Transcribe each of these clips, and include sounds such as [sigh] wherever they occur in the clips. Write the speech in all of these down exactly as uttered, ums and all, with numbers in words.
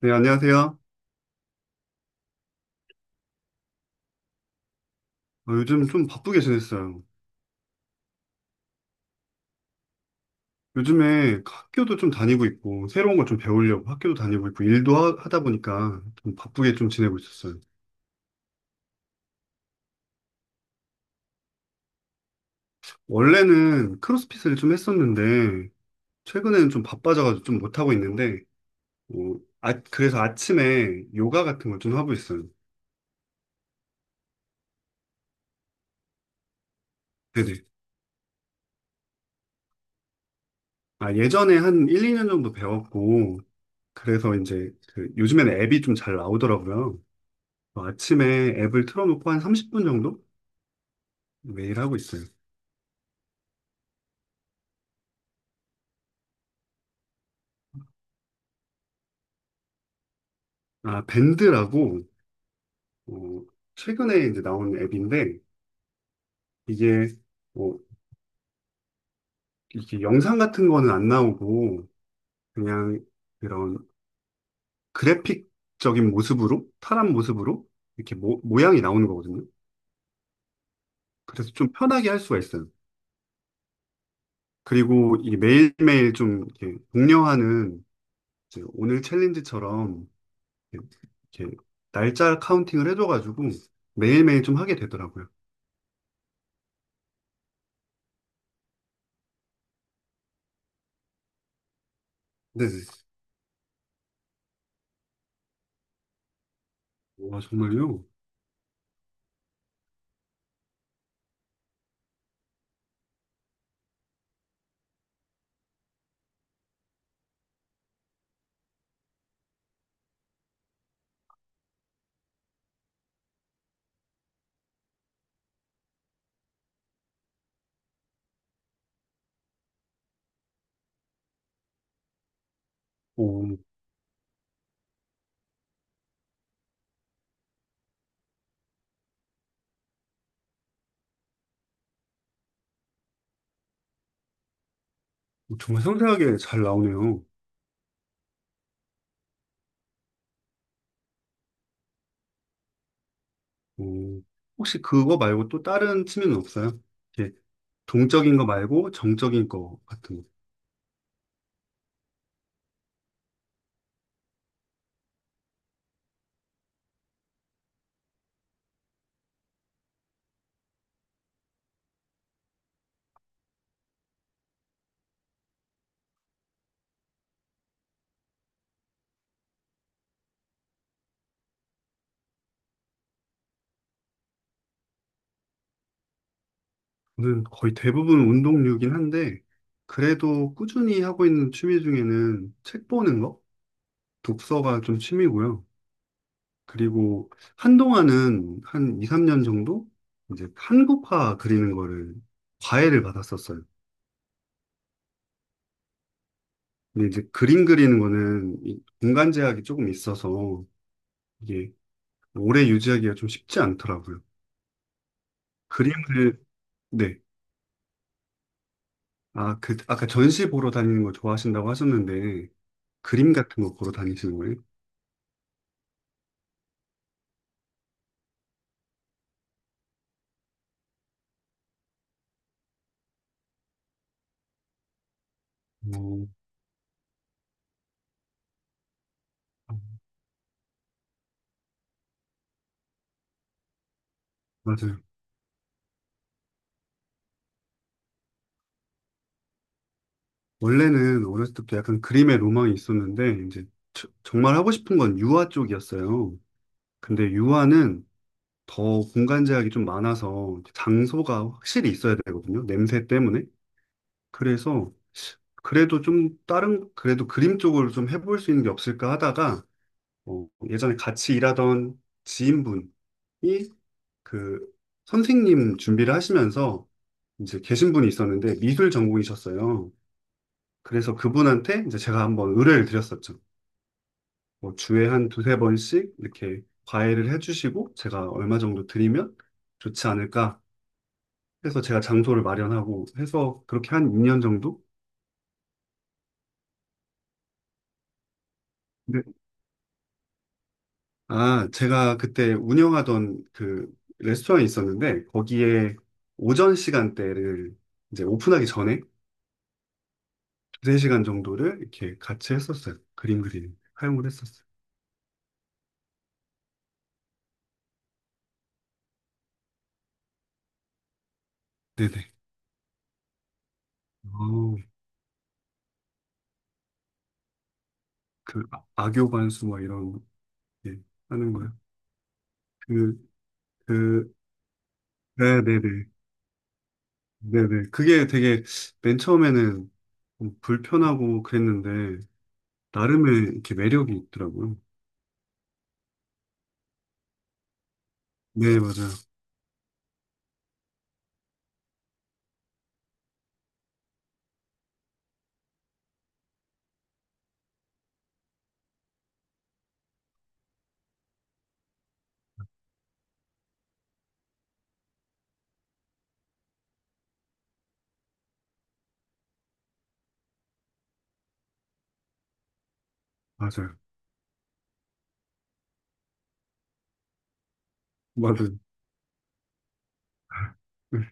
네, 안녕하세요. 어, 요즘 좀 바쁘게 지냈어요. 요즘에 학교도 좀 다니고 있고, 새로운 걸 좀 배우려고 학교도 다니고 있고, 일도 하, 다 보니까 좀 바쁘게 좀 지내고 있었어요. 원래는 크로스핏을 좀 했었는데, 최근에는 좀 바빠져가지고 좀 못하고 있는데, 어, 아, 그래서 아침에 요가 같은 걸 좀 하고 있어요. 네네. 아, 예전에 한 일, 이 년 정도 배웠고, 그래서 이제 그 요즘에는 앱이 좀 잘 나오더라고요. 어, 아침에 앱을 틀어놓고 한 삼십 분 정도 매일 하고 있어요. 아, 밴드라고, 어, 최근에 이제 나온 앱인데, 이게, 뭐, 이렇게 영상 같은 거는 안 나오고, 그냥 그런 그래픽적인 모습으로, 탈한 모습으로, 이렇게 모, 모양이 나오는 거거든요. 그래서 좀 편하게 할 수가 있어요. 그리고 이게 매일매일 좀 이렇게 독려하는, 이제 오늘 챌린지처럼, 이렇게, 이렇게 날짜 카운팅을 해줘가지고, 매일매일 좀 하게 되더라고요. 네네. 와, 정말요? 오. 정말 섬세하게 잘 나오네요. 어, 혹시 그거 말고 또 다른 취미는 없어요? 이렇게 동적인 거 말고 정적인 거 같은 거. 저는 거의 대부분 운동류긴 한데, 그래도 꾸준히 하고 있는 취미 중에는 책 보는 거? 독서가 좀 취미고요. 그리고 한동안은 한 이, 삼 년 정도 이제 한국화 그리는 거를 과외를 받았었어요. 근데 이제 그림 그리는 거는 이 공간 제약이 조금 있어서 이게 오래 유지하기가 좀 쉽지 않더라고요. 그림을, 네. 아, 그, 아까 전시 보러 다니는 거 좋아하신다고 하셨는데, 그림 같은 거 보러 다니시는 거예요? 어, 맞아요. 원래는 어렸을 때부터 약간 그림의 로망이 있었는데, 이제 저- 정말 하고 싶은 건 유화 쪽이었어요. 근데 유화는 더 공간 제약이 좀 많아서 장소가 확실히 있어야 되거든요. 냄새 때문에. 그래서 그래도 좀 다른, 그래도 그림 쪽으로 좀 해볼 수 있는 게 없을까 하다가 어, 예전에 같이 일하던 지인분이 그 선생님 준비를 하시면서 이제 계신 분이 있었는데 미술 전공이셨어요. 그래서 그분한테 이제 제가 한번 의뢰를 드렸었죠. 뭐 주에 한 두세 번씩 이렇게 과외를 해주시고 제가 얼마 정도 드리면 좋지 않을까 해서 제가 장소를 마련하고 해서 그렇게 한 이 년 정도? 아, 제가 그때 운영하던 그 레스토랑이 있었는데, 거기에 오전 시간대를 이제 오픈하기 전에 두세 시간 정도를 이렇게 같이 했었어요. 그림 그리는, 활용을 했었어요. 네네. 어, 그 아- 악교 반수 막 이런, 거, 예, 하는 거요. 그, 그, 네네네. 네네. 그게 되게 맨 처음에는 좀 불편하고 그랬는데, 나름의 이렇게 매력이 있더라고요. 네, 맞아요. 맞아요. 맞아요. [laughs]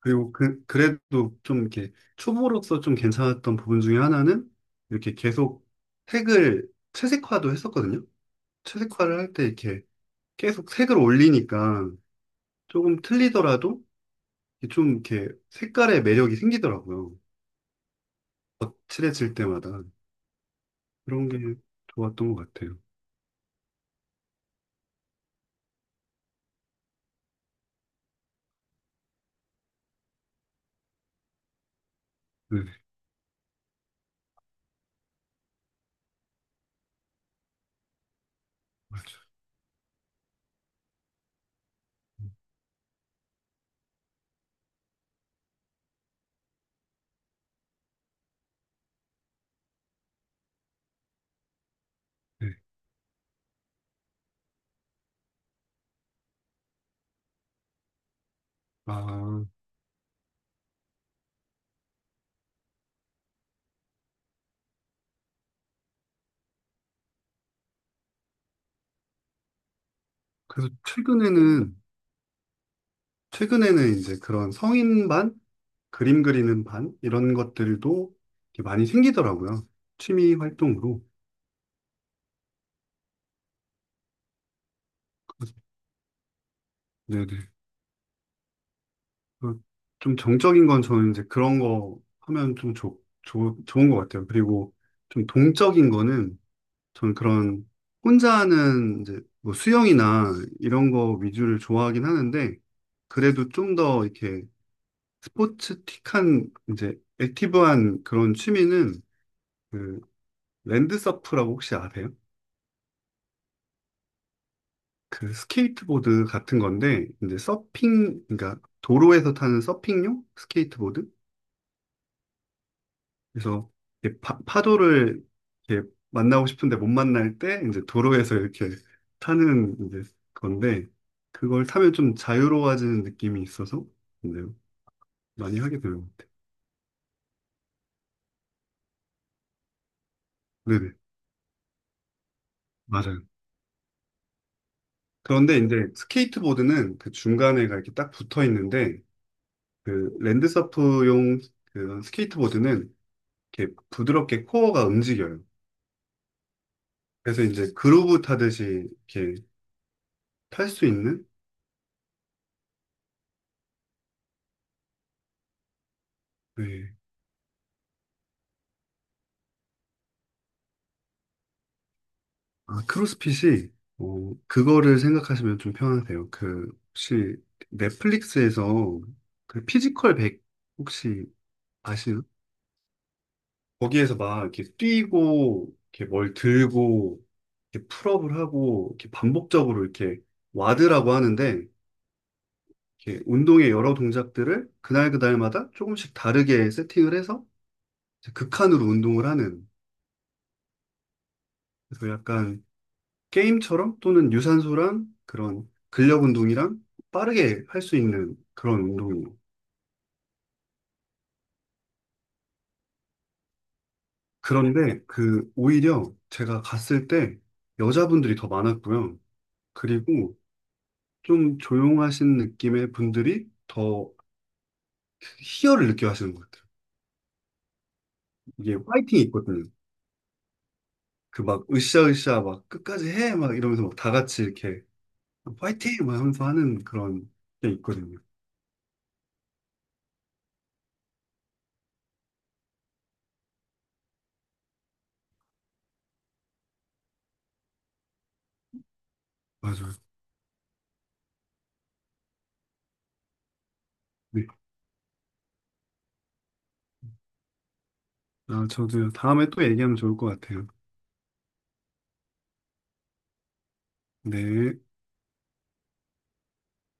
그리고 그, 그래도 좀 이렇게 초보로서 좀 괜찮았던 부분 중에 하나는 이렇게 계속 색을 채색화도 했었거든요. 채색화를 할 때 이렇게 계속 색을 올리니까 조금 틀리더라도 좀 이렇게 색깔의 매력이 생기더라고요. 거칠해질 때마다. 그런 게 좋았던 것 같아요. 네, 맞아요. 네. 아, 그래서 최근에는, 최근에는 이제 그런 성인반? 그림 그리는 반 이런 것들도 이렇게 많이 생기더라고요. 취미 활동으로. 그래서- 네네. 그좀 정적인 건 저는 이제 그런 거 하면 좀 좋, 좋, 좋은 것 같아요. 그리고 좀 동적인 거는 저는 그런 혼자 하는 이제 뭐 수영이나 이런 거 위주를 좋아하긴 하는데 그래도 좀 더 이렇게 스포츠틱한 이제 액티브한 그런 취미는 그 랜드서프라고 혹시 아세요? 그 스케이트보드 같은 건데 이제 서핑 그러니까 도로에서 타는 서핑용 스케이트보드 그래서 이렇게 파, 파도를 이렇게 만나고 싶은데 못 만날 때 이제 도로에서 이렇게 타는 이제 건데 그걸 타면 좀 자유로워지는 느낌이 있어서 이제 많이 하게 되는 것 같아요. 네네 맞아요. 그런데 이제 스케이트보드는 그 중간에가 이렇게 딱 붙어 있는데 그 랜드서프용 그 스케이트보드는 이렇게 부드럽게 코어가 움직여요. 그래서 이제 그루브 타듯이 이렇게 탈 수 있는? 네. 아, 크로스핏이, 어, 그거를 생각하시면 좀 편하세요. 그, 혹시 넷플릭스에서 그 피지컬 백 혹시 아시나? 거기에서 막 이렇게 뛰고, 이렇게 뭘 들고, 이렇게 풀업을 하고, 이렇게 반복적으로 이렇게 와드라고 하는데, 이렇게 운동의 여러 동작들을 그날 그날마다 조금씩 다르게 세팅을 해서 이제 극한으로 운동을 하는, 그래서 약간 게임처럼 또는 유산소랑 그런 근력 운동이랑 빠르게 할 수 있는 그런 운동이에요. 그런데 그 오히려 제가 갔을 때 여자분들이 더 많았고요. 그리고 좀 조용하신 느낌의 분들이 더 희열을 느껴 하시는 것 같아요. 이게 파이팅이 있거든요. 그 막 으쌰으쌰 막 끝까지 해 막 이러면서 막 다 같이 이렇게 파이팅 막 하면서 하는 그런 게 있거든요. 맞아요. 네. 아, 저도 다음에 또 얘기하면 좋을 것 같아요. 네.